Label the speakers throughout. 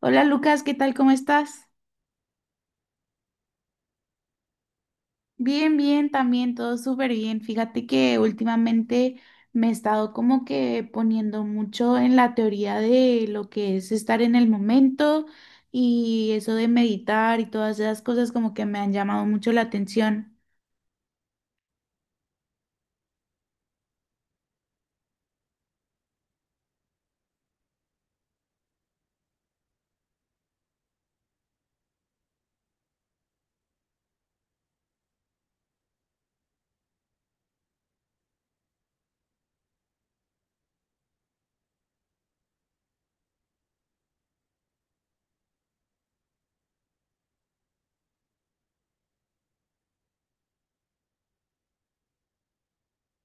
Speaker 1: Hola Lucas, ¿qué tal? ¿Cómo estás? Bien, bien, también todo súper bien. Fíjate que últimamente me he estado como que poniendo mucho en la teoría de lo que es estar en el momento y eso de meditar y todas esas cosas como que me han llamado mucho la atención.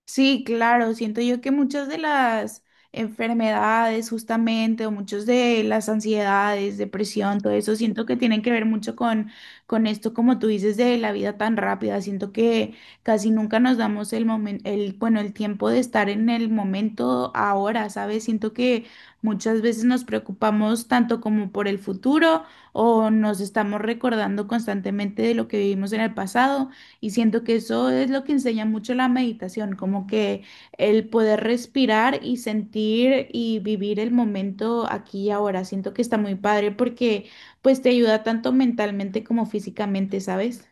Speaker 1: Sí, claro, siento yo que muchas de las enfermedades justamente o muchas de las ansiedades, depresión, todo eso, siento que tienen que ver mucho con esto, como tú dices, de la vida tan rápida. Siento que casi nunca nos damos el momento, el, bueno, el tiempo de estar en el momento ahora, ¿sabes? Siento que muchas veces nos preocupamos tanto como por el futuro o nos estamos recordando constantemente de lo que vivimos en el pasado. Y siento que eso es lo que enseña mucho la meditación, como que el poder respirar y sentir y vivir el momento aquí y ahora. Siento que está muy padre porque pues te ayuda tanto mentalmente como físicamente, ¿sabes?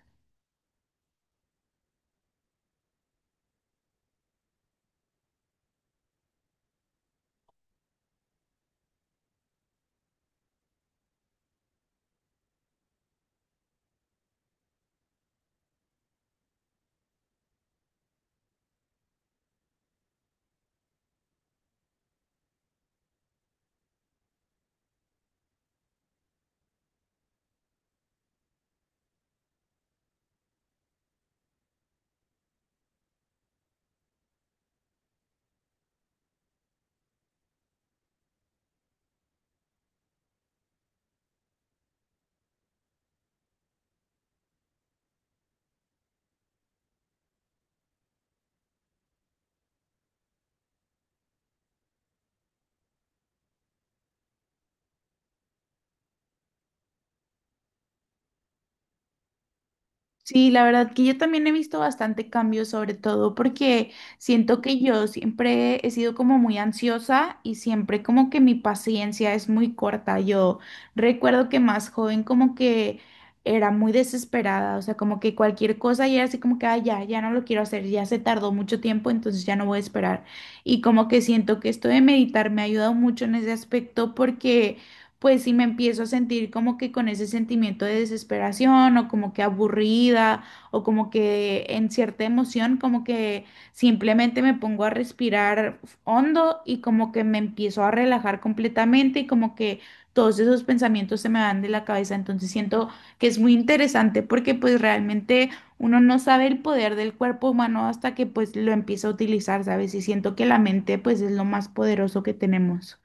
Speaker 1: Sí, la verdad que yo también he visto bastante cambio, sobre todo porque siento que yo siempre he sido como muy ansiosa y siempre como que mi paciencia es muy corta. Yo recuerdo que más joven como que era muy desesperada, o sea, como que cualquier cosa y era así como que, "Ay, ya, ya no lo quiero hacer, ya se tardó mucho tiempo, entonces ya no voy a esperar". Y como que siento que esto de meditar me ha ayudado mucho en ese aspecto porque pues si me empiezo a sentir como que con ese sentimiento de desesperación o como que aburrida o como que en cierta emoción, como que simplemente me pongo a respirar hondo y como que me empiezo a relajar completamente y como que todos esos pensamientos se me van de la cabeza. Entonces siento que es muy interesante porque pues realmente uno no sabe el poder del cuerpo humano hasta que pues lo empieza a utilizar, ¿sabes? Y siento que la mente pues es lo más poderoso que tenemos.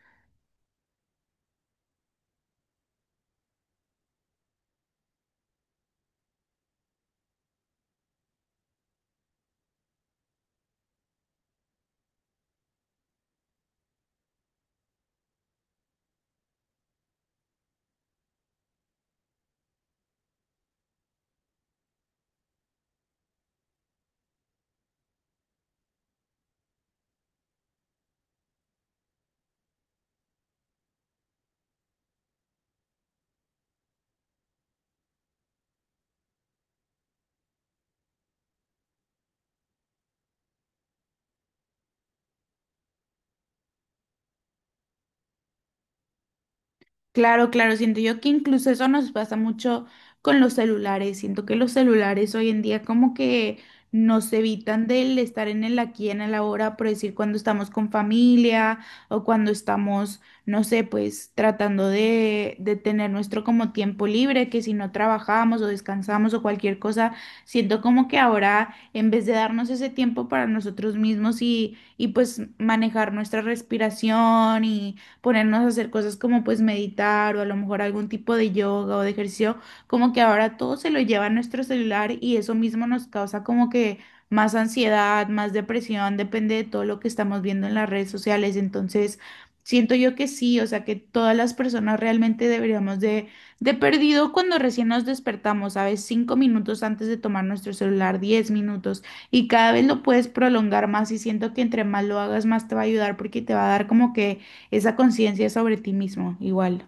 Speaker 1: Claro, claro, siento yo que incluso eso nos pasa mucho con los celulares. Siento que los celulares hoy en día como que nos evitan del estar en el aquí, en el ahora, por decir cuando estamos con familia o cuando estamos, no sé, pues tratando de tener nuestro como tiempo libre, que si no trabajamos o descansamos o cualquier cosa, siento como que ahora en vez de darnos ese tiempo para nosotros mismos y pues manejar nuestra respiración y ponernos a hacer cosas como pues meditar o a lo mejor algún tipo de yoga o de ejercicio, como que ahora todo se lo lleva a nuestro celular y eso mismo nos causa como que más ansiedad, más depresión, depende de todo lo que estamos viendo en las redes sociales. Entonces, siento yo que sí, o sea que todas las personas realmente deberíamos de... De perdido cuando recién nos despertamos, ¿sabes? 5 minutos antes de tomar nuestro celular, 10 minutos, y cada vez lo puedes prolongar más y siento que entre más lo hagas, más te va a ayudar porque te va a dar como que esa conciencia sobre ti mismo, igual.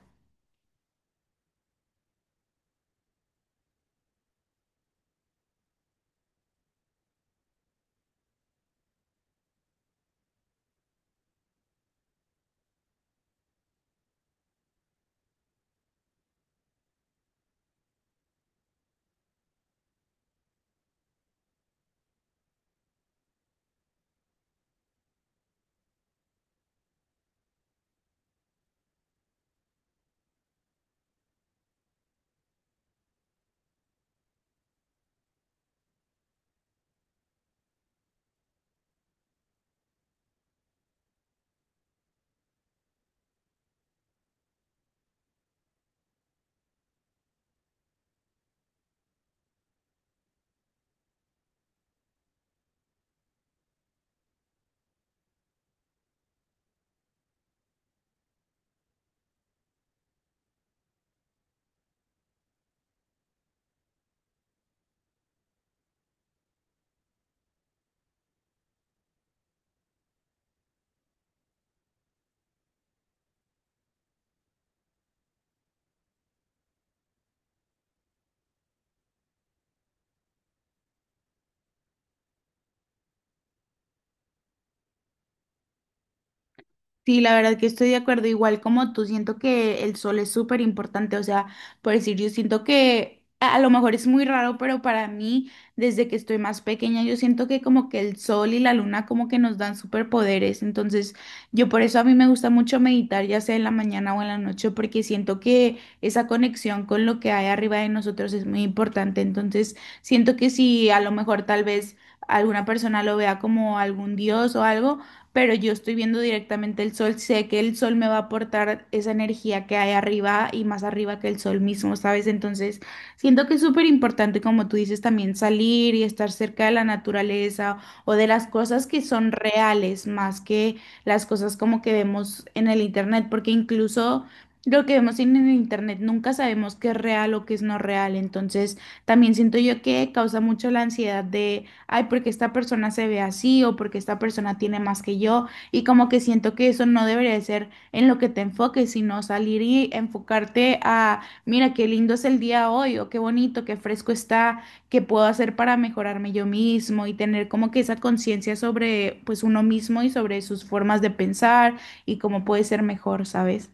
Speaker 1: Sí, la verdad que estoy de acuerdo, igual como tú, siento que el sol es súper importante, o sea, por decir, yo siento que a lo mejor es muy raro, pero para mí, desde que estoy más pequeña, yo siento que como que el sol y la luna como que nos dan superpoderes, entonces yo por eso a mí me gusta mucho meditar, ya sea en la mañana o en la noche, porque siento que esa conexión con lo que hay arriba de nosotros es muy importante, entonces siento que si a lo mejor tal vez alguna persona lo vea como algún dios o algo, pero yo estoy viendo directamente el sol, sé que el sol me va a aportar esa energía que hay arriba y más arriba que el sol mismo, ¿sabes? Entonces, siento que es súper importante, como tú dices, también salir y estar cerca de la naturaleza o de las cosas que son reales más que las cosas como que vemos en el internet, porque incluso... Lo que vemos en el internet nunca sabemos qué es real o qué es no real, entonces también siento yo que causa mucho la ansiedad de ay, porque esta persona se ve así o porque esta persona tiene más que yo y como que siento que eso no debería de ser en lo que te enfoques, sino salir y enfocarte a, mira, qué lindo es el día hoy o qué bonito, qué fresco está, qué puedo hacer para mejorarme yo mismo y tener como que esa conciencia sobre pues uno mismo y sobre sus formas de pensar y cómo puede ser mejor, ¿sabes?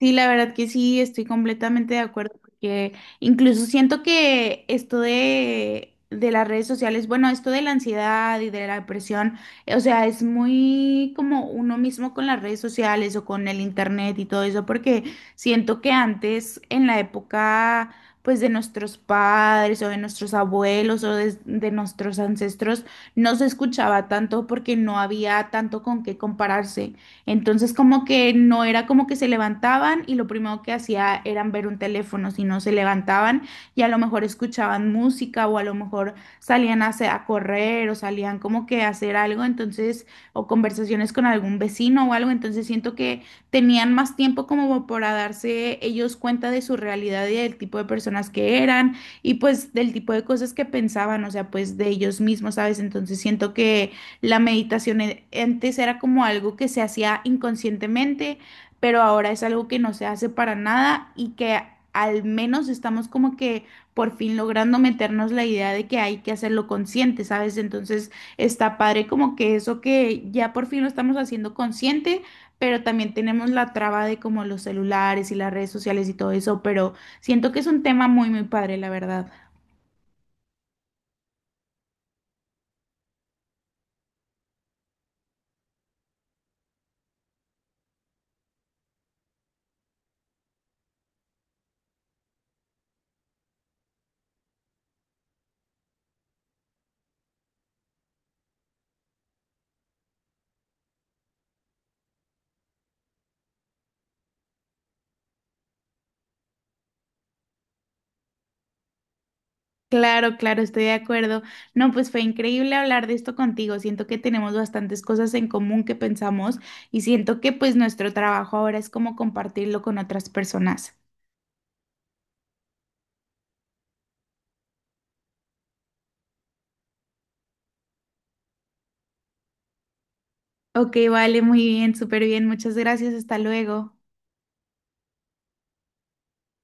Speaker 1: Sí, la verdad que sí, estoy completamente de acuerdo, porque incluso siento que esto de las redes sociales, bueno, esto de la ansiedad y de la depresión, o sea, es muy como uno mismo con las redes sociales o con el internet y todo eso, porque siento que antes, en la época, pues de nuestros padres o de nuestros abuelos o de nuestros ancestros, no se escuchaba tanto porque no había tanto con qué compararse. Entonces como que no era como que se levantaban y lo primero que hacía eran ver un teléfono, sino se levantaban y a lo mejor escuchaban música o a lo mejor salían a, a correr o salían como que a hacer algo, entonces, o conversaciones con algún vecino o algo, entonces siento que tenían más tiempo como para darse ellos cuenta de su realidad y del tipo de personas que eran y pues del tipo de cosas que pensaban, o sea, pues de ellos mismos, ¿sabes? Entonces siento que la meditación antes era como algo que se hacía inconscientemente, pero ahora es algo que no se hace para nada y que al menos estamos como que por fin logrando meternos la idea de que hay que hacerlo consciente, ¿sabes? Entonces está padre como que eso que ya por fin lo estamos haciendo consciente, pero también tenemos la traba de como los celulares y las redes sociales y todo eso, pero siento que es un tema muy, muy padre, la verdad. Claro, claro, estoy de acuerdo. No, pues fue increíble hablar de esto contigo. Siento que tenemos bastantes cosas en común que pensamos y siento que pues nuestro trabajo ahora es como compartirlo con otras personas. Ok, vale, muy bien, súper bien. Muchas gracias. Hasta luego.